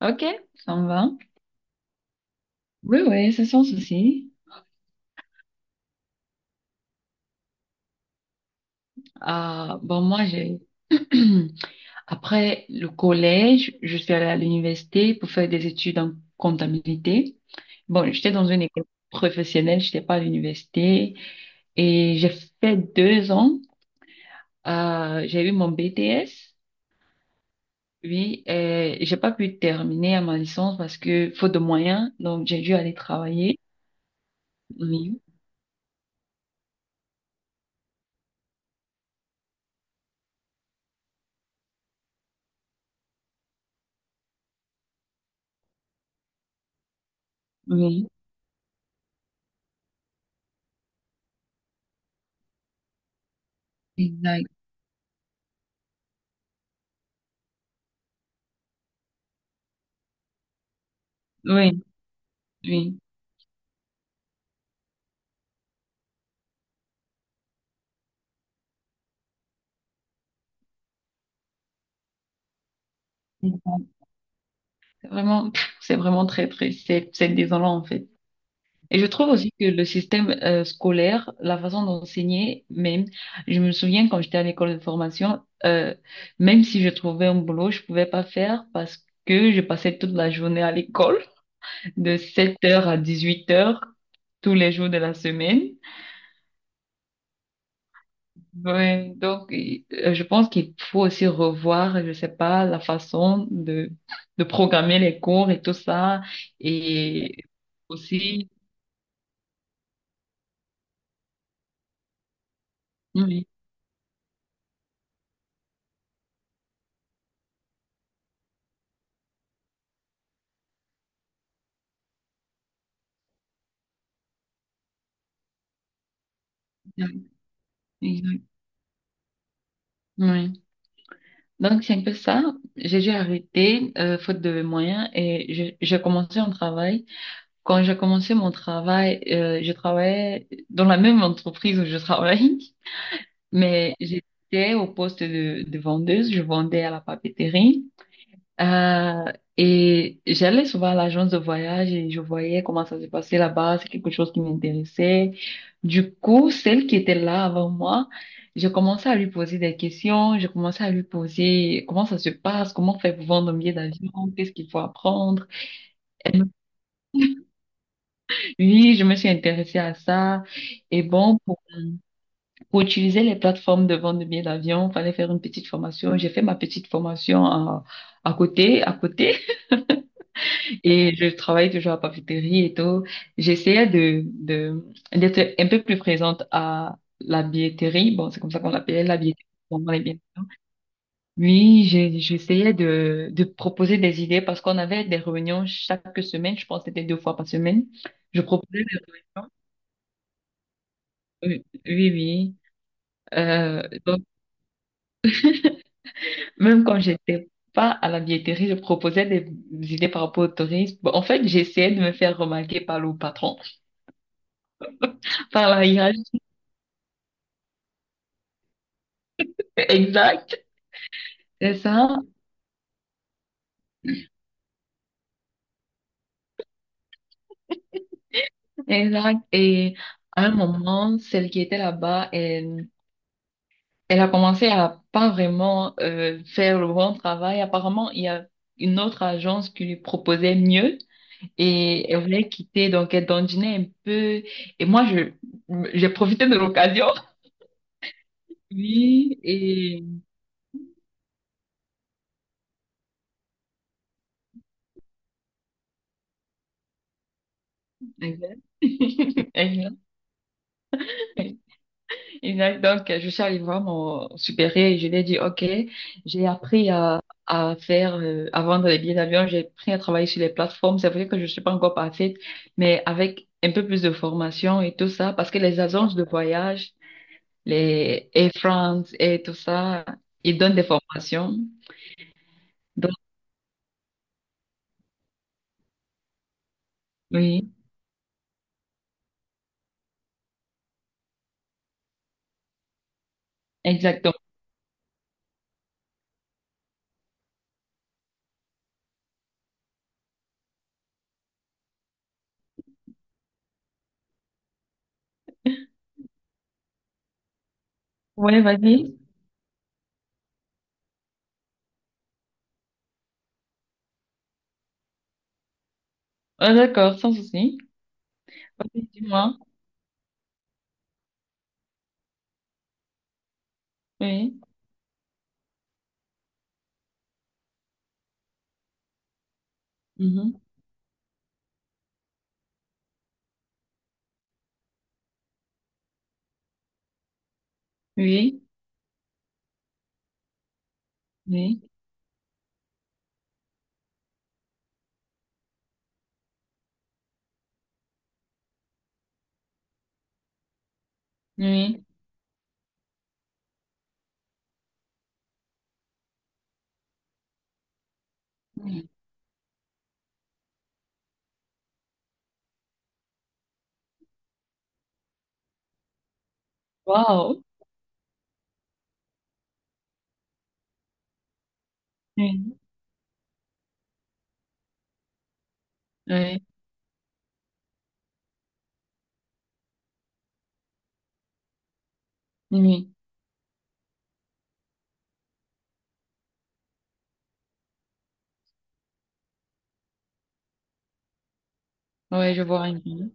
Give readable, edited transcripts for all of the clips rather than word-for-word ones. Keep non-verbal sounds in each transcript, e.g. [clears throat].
Ok, ça me va. Oui, oui, c'est sans souci. Ah, bon, moi, j'ai... [clears throat] Après le collège, je suis allée à l'université pour faire des études en comptabilité. Bon, j'étais dans une école professionnelle, j'étais pas à l'université. Et j'ai fait deux ans. J'ai eu mon BTS. Oui, et j'ai pas pu terminer à ma licence parce que faute de moyens, donc j'ai dû aller travailler. Oui, oui, exact. Oui, oui. Vraiment, [sniffs] c'est vraiment très, très, c'est désolant en fait. Et je trouve aussi que le système scolaire, la façon d'enseigner, même, je me souviens quand j'étais à l'école de formation, même si je trouvais un boulot, je pouvais pas faire parce que je passais toute la journée à l'école, de 7 heures à 18 heures tous les jours de la semaine. Ouais, donc, je pense qu'il faut aussi revoir, je sais pas, la façon de programmer les cours et tout ça. Et aussi oui, oui, exact. Oui. Oui. Donc, c'est un peu ça. J'ai dû arrêter, faute de moyens, et j'ai commencé un travail. Quand j'ai commencé mon travail, je travaillais dans la même entreprise où je travaille, mais j'étais au poste de vendeuse. Je vendais à la papeterie. Euh, et j'allais souvent à l'agence de voyage et je voyais comment ça se passait là-bas, c'est quelque chose qui m'intéressait. Du coup, celle qui était là avant moi, j'ai commencé à lui poser des questions, j'ai commencé à lui poser comment ça se passe, comment faire pour vendre un billet d'avion, qu'est-ce qu'il faut apprendre. Elle me- Oui, je me suis intéressée à ça. Et bon, pour utiliser les plateformes de vente de billets d'avion, fallait faire une petite formation. J'ai fait ma petite formation à côté, à côté. Et je travaille toujours à la papeterie et tout. J'essayais d'être un peu plus présente à la billetterie. Bon, c'est comme ça qu'on l'appelait, la billetterie. Bon, on est bien. Oui, j'essayais de proposer des idées parce qu'on avait des réunions chaque semaine. Je pense que c'était deux fois par semaine. Je proposais des réunions. Oui, oui. Oui. Euh, donc, même quand j'étais pas à la billetterie, je proposais des idées par rapport au tourisme. Bon, en fait, j'essayais de me faire remarquer par le patron, [laughs] par la hiérarchie. Exact. C'est ça, exact. Et à un moment, celle qui était là-bas, elle, elle a commencé à pas vraiment faire le bon travail. Apparemment, il y a une autre agence qui lui proposait mieux et elle voulait quitter, donc elle dandinait un peu. Et moi, j'ai profité de l'occasion. [laughs] Oui, et exact. [laughs] Exact. Exact. Donc, je suis allée voir mon supérieur et je lui ai dit, OK, j'ai appris à faire, à vendre les billets d'avion, j'ai appris à travailler sur les plateformes. C'est vrai que je ne suis pas encore parfaite, mais avec un peu plus de formation et tout ça, parce que les agences de voyage, les Air France et tout ça, ils donnent des formations. Donc, oui, exactement. Oui, vas-y. Ah, d'accord, sans souci. Vas-y, dis-moi. Oui. Mhm. Oui. Oui. Oui. Wow. Oui. Oui. Oui, ouais, je vois un film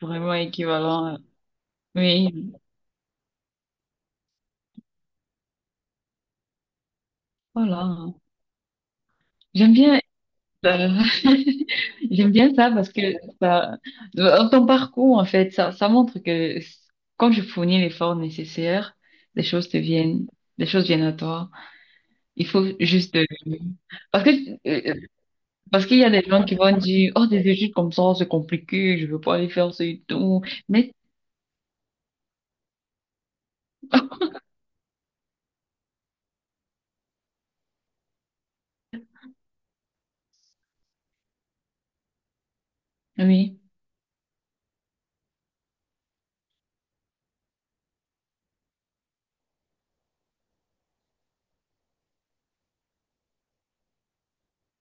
vraiment équivalent. Oui, voilà. J'aime bien, euh, [laughs] j'aime bien ça parce que ça, ton parcours, en fait, ça montre que quand je fournis l'effort nécessaire, les choses te viennent, les choses viennent à toi. Il faut juste, parce que, euh, parce qu'il y a des gens qui vont dire, oh, des études comme ça, c'est compliqué, je veux pas aller faire ce et tout. Mais, [laughs] oui,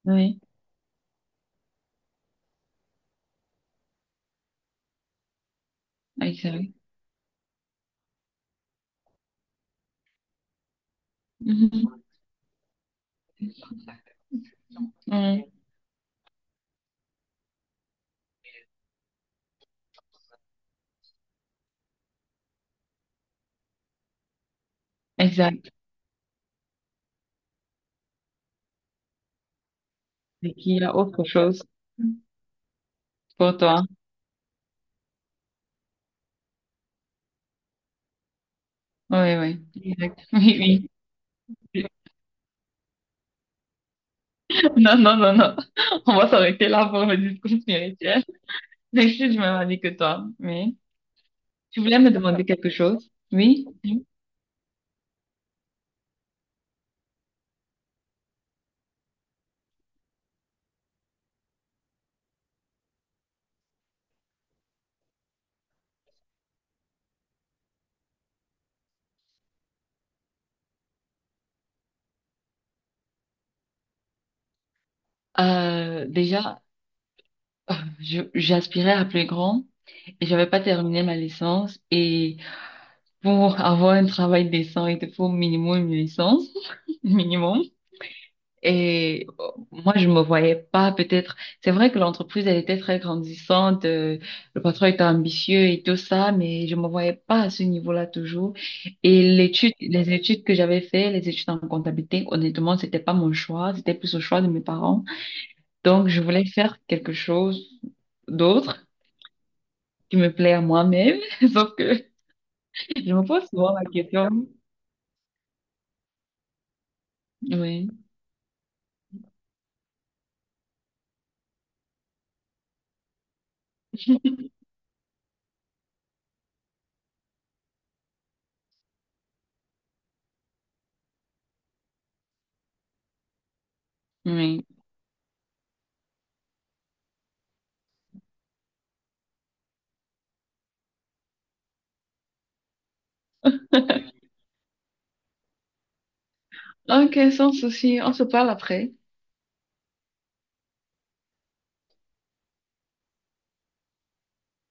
oui, exact. [laughs] Mhm. Ouais, exact, et qu'il y a autre chose pour toi. Oui, oui, exact. Oui, oui. [laughs] Non, non, non, non. [laughs] On va s'arrêter là pour le discours spirituel. Mais je suis du même avis que toi. Oui. Tu voulais me demander quelque chose? Oui. Déjà, [laughs] j'aspirais à plus grand et j'avais pas terminé ma licence. Et pour avoir un travail décent, il te faut au minimum une licence, [laughs] minimum. Et moi, je me voyais pas peut-être. C'est vrai que l'entreprise, elle était très grandissante, le patron était ambitieux et tout ça, mais je me voyais pas à ce niveau-là toujours. Et l'étude, les études que j'avais fait, les études en comptabilité, honnêtement, c'était pas mon choix, c'était plus le choix de mes parents. Donc, je voulais faire quelque chose d'autre qui me plaît à moi-même, [laughs] sauf que je me pose souvent la question. Oui, oui. [laughs] Ok, sans souci, on se parle après.